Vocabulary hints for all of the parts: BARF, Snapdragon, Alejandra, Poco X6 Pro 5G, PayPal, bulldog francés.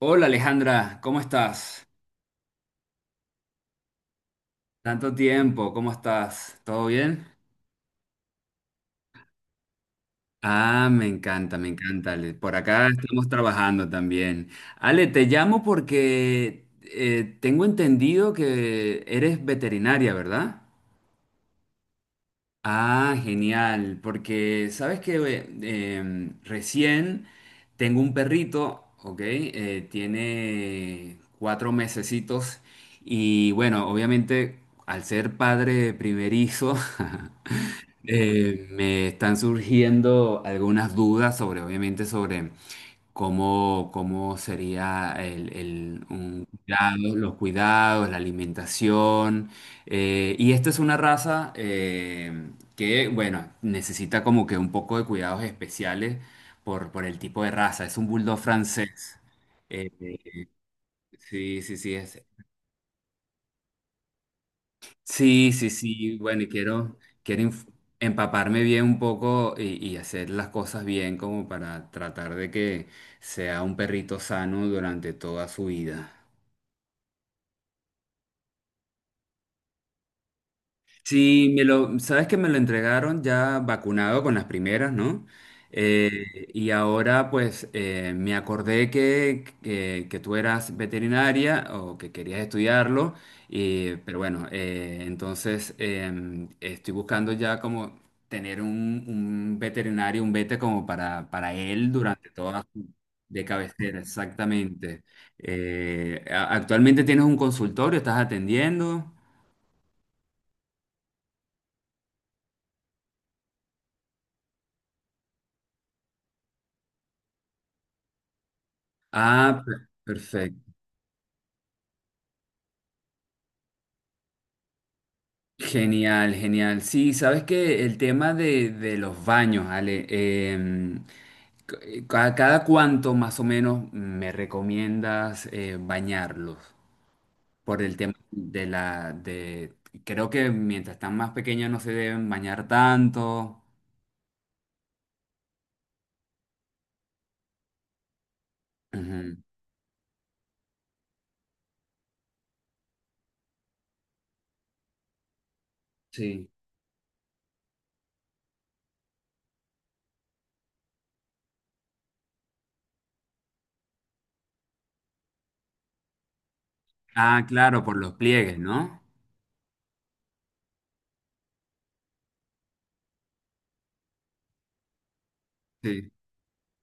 Hola Alejandra, ¿cómo estás? Tanto tiempo, ¿cómo estás? ¿Todo bien? Ah, me encanta, Ale. Por acá estamos trabajando también. Ale, te llamo porque tengo entendido que eres veterinaria, ¿verdad? Ah, genial, porque sabes que recién tengo un perrito, ¿ok? Tiene 4 mesecitos y bueno, obviamente al ser padre primerizo, me están surgiendo algunas dudas sobre, obviamente, sobre cómo sería un cuidado, los cuidados, la alimentación. Y esta es una raza que, bueno, necesita como que un poco de cuidados especiales por el tipo de raza. Es un bulldog francés. Eh, sí, sí, sí. Sí, sí, sí. Bueno, y quiero inf- empaparme bien un poco y hacer las cosas bien como para tratar de que sea un perrito sano durante toda su vida. Sí, me lo, sabes que me lo entregaron ya vacunado con las primeras, ¿no? Y ahora pues me acordé que tú eras veterinaria o que querías estudiarlo, y, pero bueno, entonces estoy buscando ya como tener un veterinario, un vete como para él durante toda su de cabecera, exactamente. Actualmente tienes un consultorio, estás atendiendo. Ah, perfecto. Genial, genial. Sí, sabes que el tema de los baños, Ale, em, cada cuánto más o menos me recomiendas bañarlos por el tema de la de creo que mientras están más pequeños no se deben bañar tanto. Ujú. Sí. Ah, claro, por los pliegues, ¿no? Sí.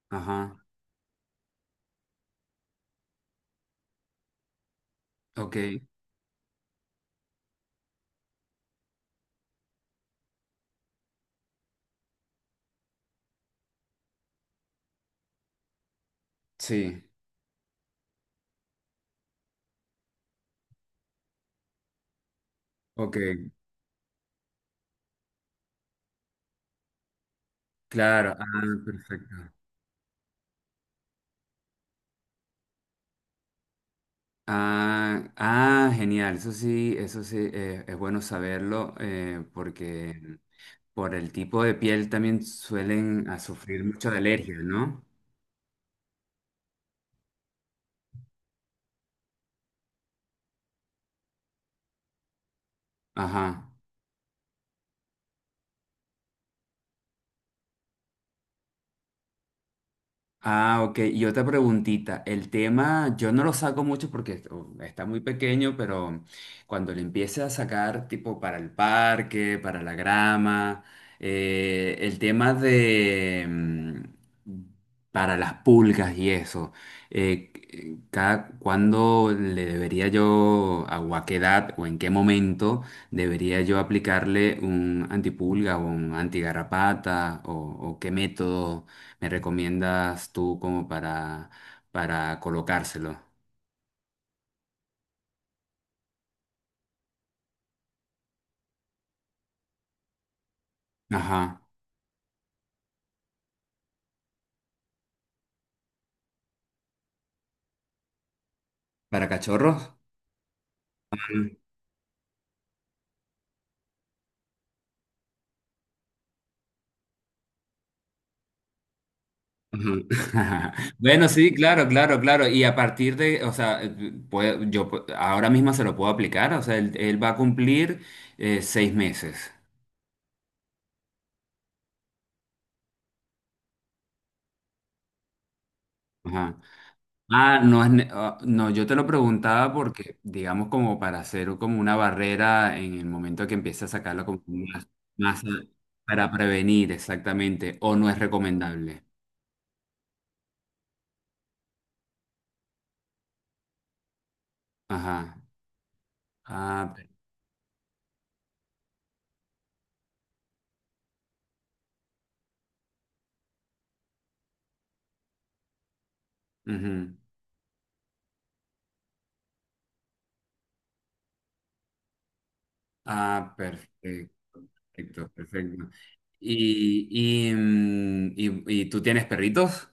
Ajá. Ok. Sí. Ok. Claro. Ah, perfecto. Ah, ah, genial, eso sí, es bueno saberlo porque por el tipo de piel también suelen a sufrir mucho de alergia, ¿no? Ajá. Ah, ok. Y otra preguntita. El tema, yo no lo saco mucho porque oh, está muy pequeño, pero cuando le empiece a sacar, tipo para el parque, para la grama, el tema de para las pulgas y eso, cada cuándo le debería yo, a, o a qué edad o en qué momento debería yo aplicarle un antipulga o un antigarrapata o qué método me recomiendas tú como ¿para colocárselo? Ajá. ¿Para cachorros? Ajá. Bueno, sí, claro, claro, claro. Y a partir de, o sea, ahora mismo se lo puedo aplicar, o sea, él va a cumplir 6 meses. Ajá. Ah, ah, no, yo te lo preguntaba porque, digamos, como para hacer como una barrera en el momento que empiece a sacarlo como más, eh, para prevenir exactamente, o no es recomendable. Ajá. Ah, ujú. Ah, perfecto, perfecto, perfecto. Y, ¿y tú tienes perritos?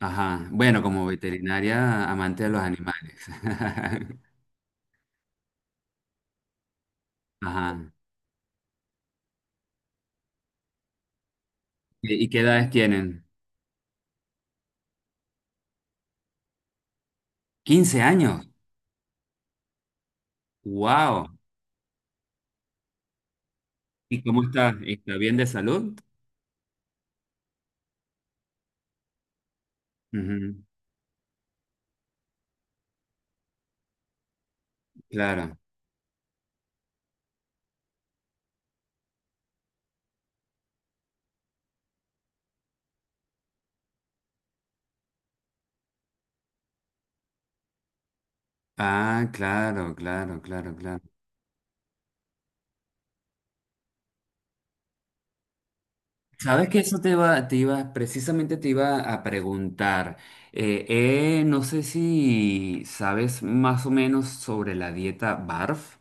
Ajá. Bueno, como veterinaria, amante de los animales. Ajá. Y qué edades tienen? 15 años. ¡Wow! ¿Y cómo está? ¿Está bien de salud? Ujú. Claro. Ah, claro, claro, claro, claro. Sabes que eso precisamente te iba a preguntar. No sé si sabes más o menos sobre la dieta BARF.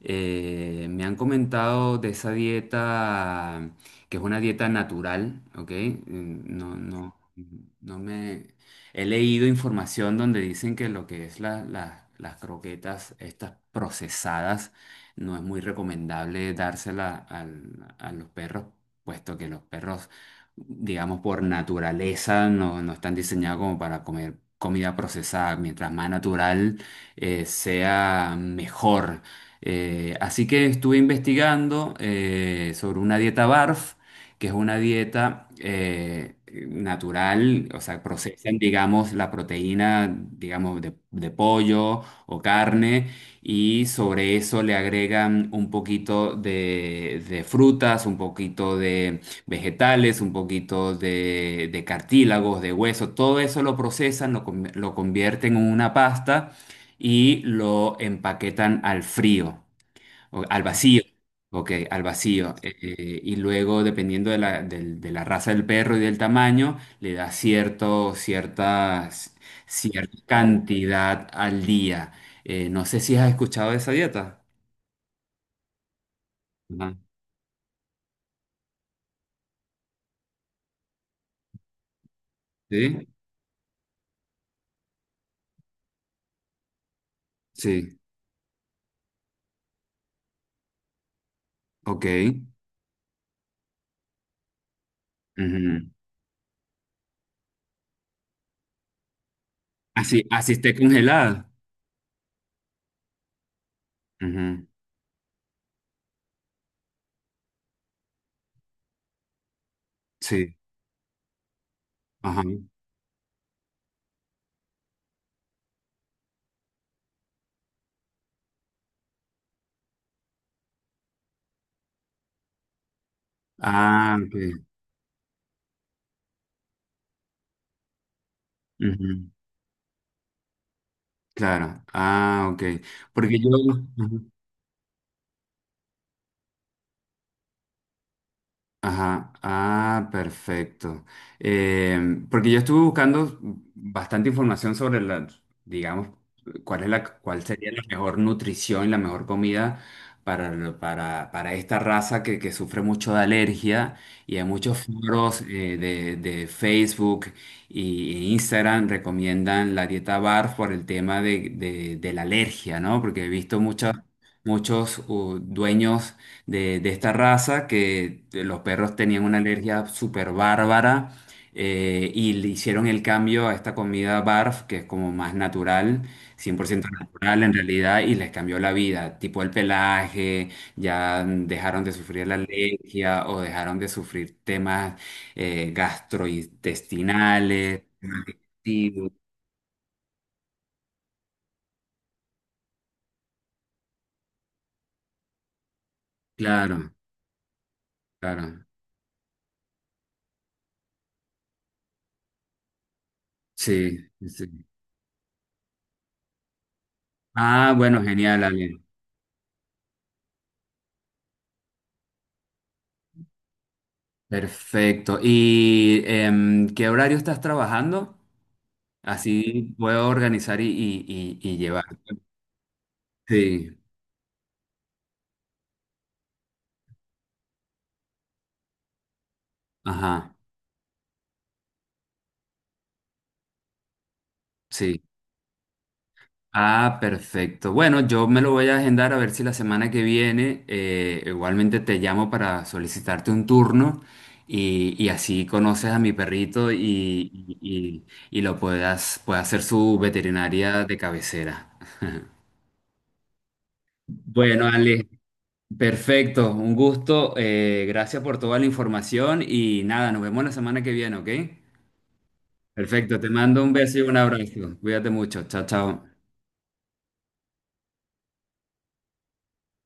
Me han comentado de esa dieta que es una dieta natural, ¿ok? Mm, no, no me he leído información donde dicen que lo que es las croquetas, estas procesadas, no es muy recomendable dársela a los perros puesto que los perros, digamos, por naturaleza no están diseñados como para comer comida procesada. Mientras más natural sea, mejor. Así que estuve investigando sobre una dieta BARF, que es una dieta natural, o sea, procesan, digamos, la proteína, digamos, de pollo o carne y sobre eso le agregan un poquito de frutas, un poquito de vegetales, un poquito de cartílagos, de hueso, todo eso lo procesan, lo convierten en una pasta y lo empaquetan al frío. Al vacío. Ok, al vacío. Y luego, dependiendo de de la raza del perro y del tamaño, le da cierta cantidad al día. No sé si has escuchado de esa dieta. Ajá. ¿Sí? Sí. Ok. Ujú. Así, así esté congelada. Ujú. Sí. Ajá. Ah, ok. Ujú. Claro. Ah, ok. Porque yo. Ujú. Ajá, ah, perfecto. Porque yo estuve buscando bastante información sobre la, digamos, cuál sería la mejor nutrición y la mejor comida para, para esta raza que sufre mucho de alergia y hay muchos foros de Facebook e Instagram recomiendan la dieta BARF por el tema de la alergia, ¿no? Porque he visto muchos dueños de esta raza que los perros tenían una alergia súper bárbara y le hicieron el cambio a esta comida barf, que es como más natural, 100% natural en realidad, y les cambió la vida, tipo el pelaje, ya dejaron de sufrir la alergia o dejaron de sufrir temas gastrointestinales. Sí, claro, claro, sí, sí. Ah, bueno, genial, Ale. Perfecto. ¿Y qué horario estás trabajando? Así puedo organizar y llevar. Sí, ajá, sí. Ah, perfecto. Bueno, yo me lo voy a agendar a ver si la semana que viene igualmente te llamo para solicitarte un turno y así conoces a mi perrito y lo pueda hacer su veterinaria de cabecera. Bueno, Ale. Perfecto, un gusto. Eh, gracias por toda la información y nada, nos vemos la semana que viene, ¿ok? Perfecto, te mando un beso y un abrazo. Cuídate mucho. Chao, chao.